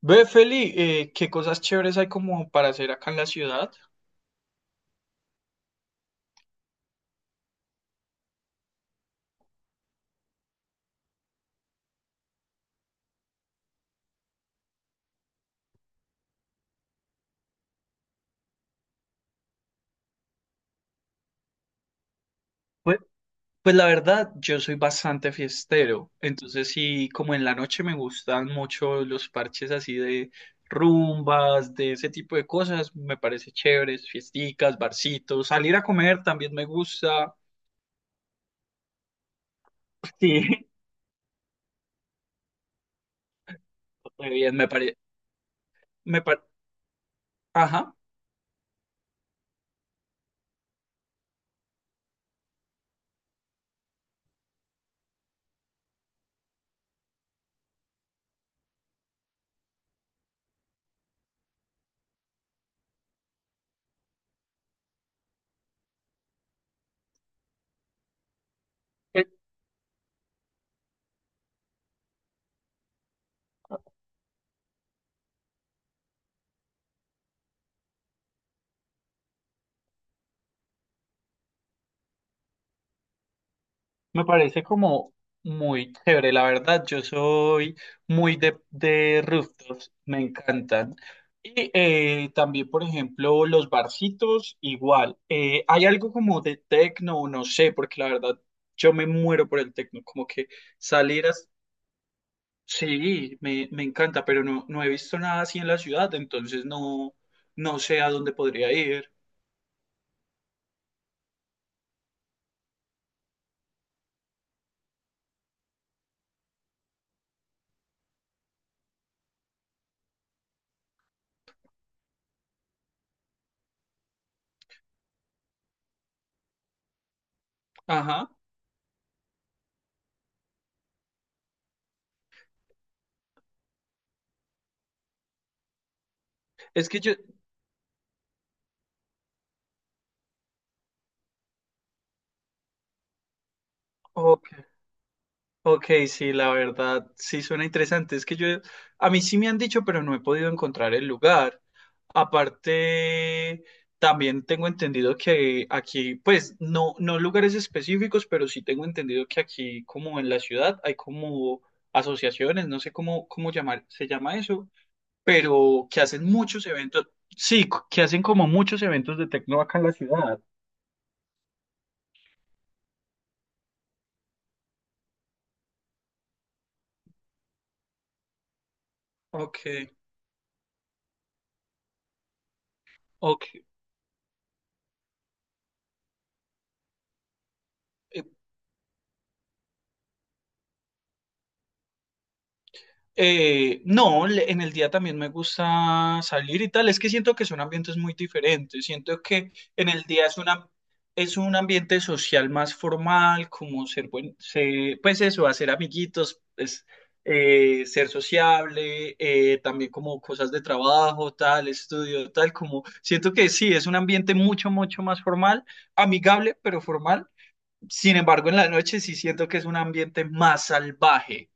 Ve, Feli, ¿qué cosas chéveres hay como para hacer acá en la ciudad? Pues, pues la verdad, yo soy bastante fiestero, entonces sí, como en la noche me gustan mucho los parches así de rumbas, de ese tipo de cosas, me parece chéveres, fiesticas, barcitos, salir a comer también me gusta, sí, re bien, me parece. Me par- Ajá, eh, me parece como muy chévere, la verdad. Yo soy muy de rooftops, me encantan. Y también, por ejemplo, los barcitos, igual. Hay algo como de tecno, no sé, porque la verdad yo me muero por el tecno, como que salir a... Sí, me encanta, pero no, no he visto nada así en la ciudad, entonces no, no sé a dónde podría ir. Ajá. Es que yo, ok. Ok, sí, la verdad, sí suena interesante. Es que yo, a mí sí me han dicho, pero no he podido encontrar el lugar. Aparte, también tengo entendido que aquí, pues, no, no lugares específicos, pero sí tengo entendido que aquí, como en la ciudad, hay como asociaciones, no sé cómo, cómo llamar, se llama eso, pero que hacen muchos eventos, sí, que hacen como muchos eventos de tecno acá en la ciudad. Ok, ok. No, le- en el día también me gusta salir y tal. Es que siento que son ambientes muy diferentes. Siento que en el día es una, es un ambiente social más formal, como ser buen, se- pues eso, hacer amiguitos, pues, ser sociable, también como cosas de trabajo, tal, estudio, tal, como siento que sí, es un ambiente mucho, mucho más formal, amigable, pero formal. Sin embargo, en la noche sí siento que es un ambiente más salvaje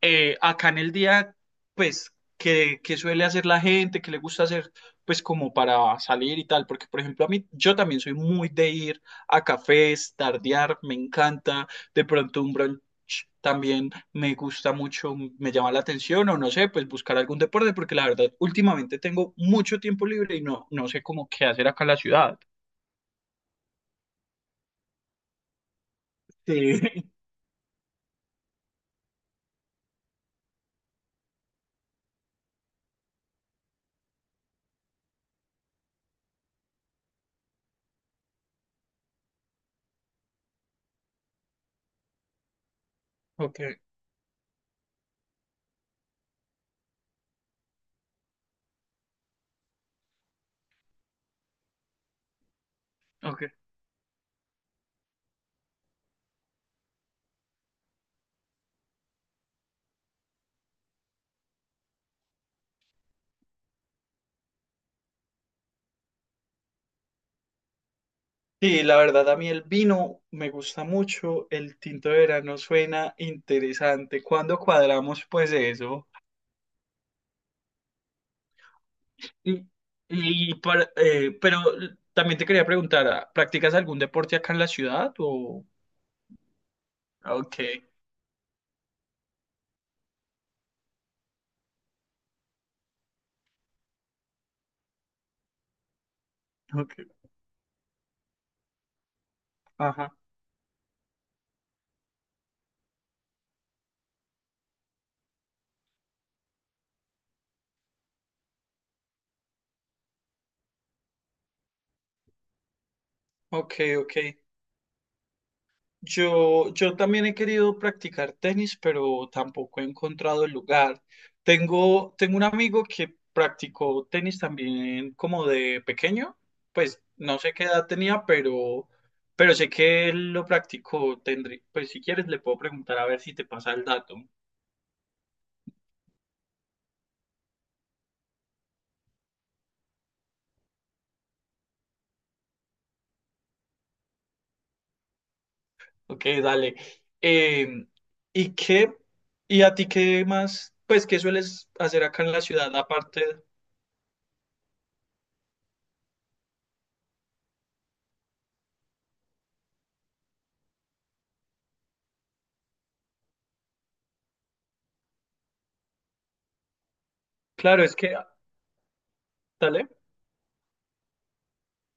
acá en el día, pues, que suele hacer la gente, que le gusta hacer, pues, como para salir y tal, porque, por ejemplo, a mí, yo también soy muy de ir a cafés, tardear, me encanta, de pronto un brunch también me gusta mucho, me llama la atención, o no sé, pues, buscar algún deporte, porque la verdad, últimamente tengo mucho tiempo libre y no, no sé cómo qué hacer acá en la ciudad. Sí. Ok, ok. Sí, la verdad, a mí el vino me gusta mucho, el tinto de verano suena interesante. ¿Cuándo cuadramos pues eso? Y, y para- pero también te quería preguntar, ¿practicas algún deporte acá en la ciudad o...? Ok, ok, ajá, ok, ok. Yo también he querido practicar tenis, pero tampoco he encontrado el lugar. Tengo un amigo que practicó tenis también como de pequeño, pues no sé qué edad tenía, pero sé que él lo practicó. Tendré, pues si quieres le puedo preguntar a ver si te pasa el dato. Ok, dale. Em, ¿Y qué, y a ti qué más, pues qué sueles hacer acá en la ciudad aparte? Claro, es que, dale.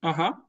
Ajá.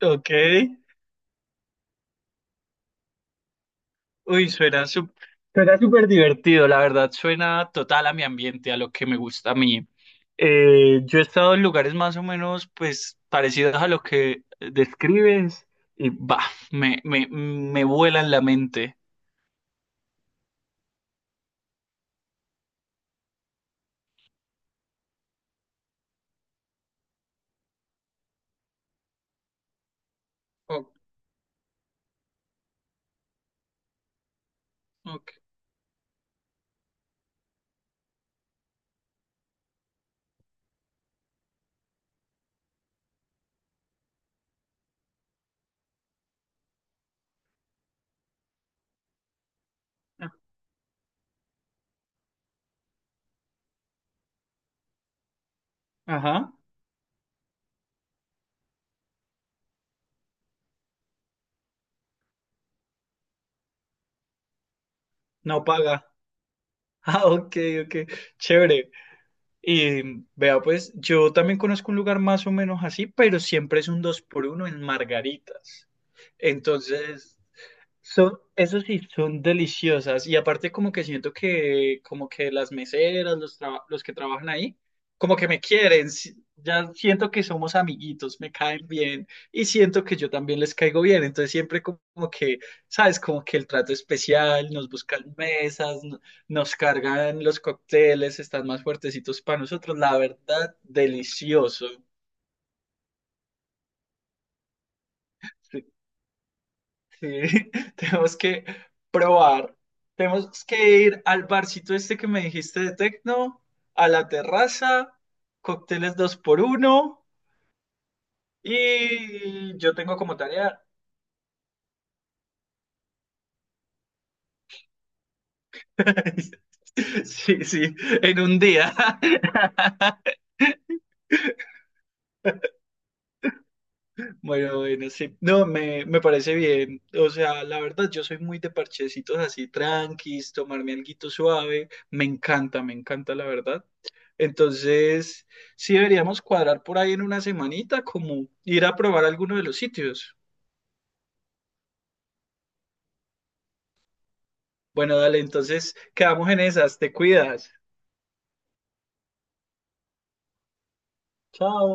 Ok. Uy, suena sup- suena súper divertido, la verdad, suena total a mi ambiente, a lo que me gusta a mí. Yo he estado en lugares más o menos, pues, parecidos a lo que describes y, bah, me vuela en la mente. Oh, ok. Ah, Ajá, no paga. Ah, ok, ok, chévere. Y vea, pues, yo también conozco un lugar más o menos así, pero siempre es un dos por uno en Margaritas. Entonces... Son, eso sí, son deliciosas. Y aparte como que siento que como que las meseras, los, traba- los que trabajan ahí, como que me quieren. Si- Ya siento que somos amiguitos, me caen bien y siento que yo también les caigo bien. Entonces siempre como como que, ¿sabes? Como que el trato especial, nos buscan mesas, no- nos cargan los cócteles, están más fuertecitos para nosotros. La verdad, delicioso. Sí. Sí, tenemos que probar. Tenemos que ir al barcito este que me dijiste de Tecno, a la terraza, cócteles dos por uno y yo tengo como tarea. Sí, sí, en un día. Bueno, bueno, sí. No, me parece bien. O sea, la verdad, yo soy muy de parchecitos así, tranquis, tomarme alguito suave. Me encanta, la verdad. Entonces, sí deberíamos cuadrar por ahí en una semanita, como ir a probar alguno de los sitios. Bueno, dale, entonces quedamos en esas. Te cuidas. Chao.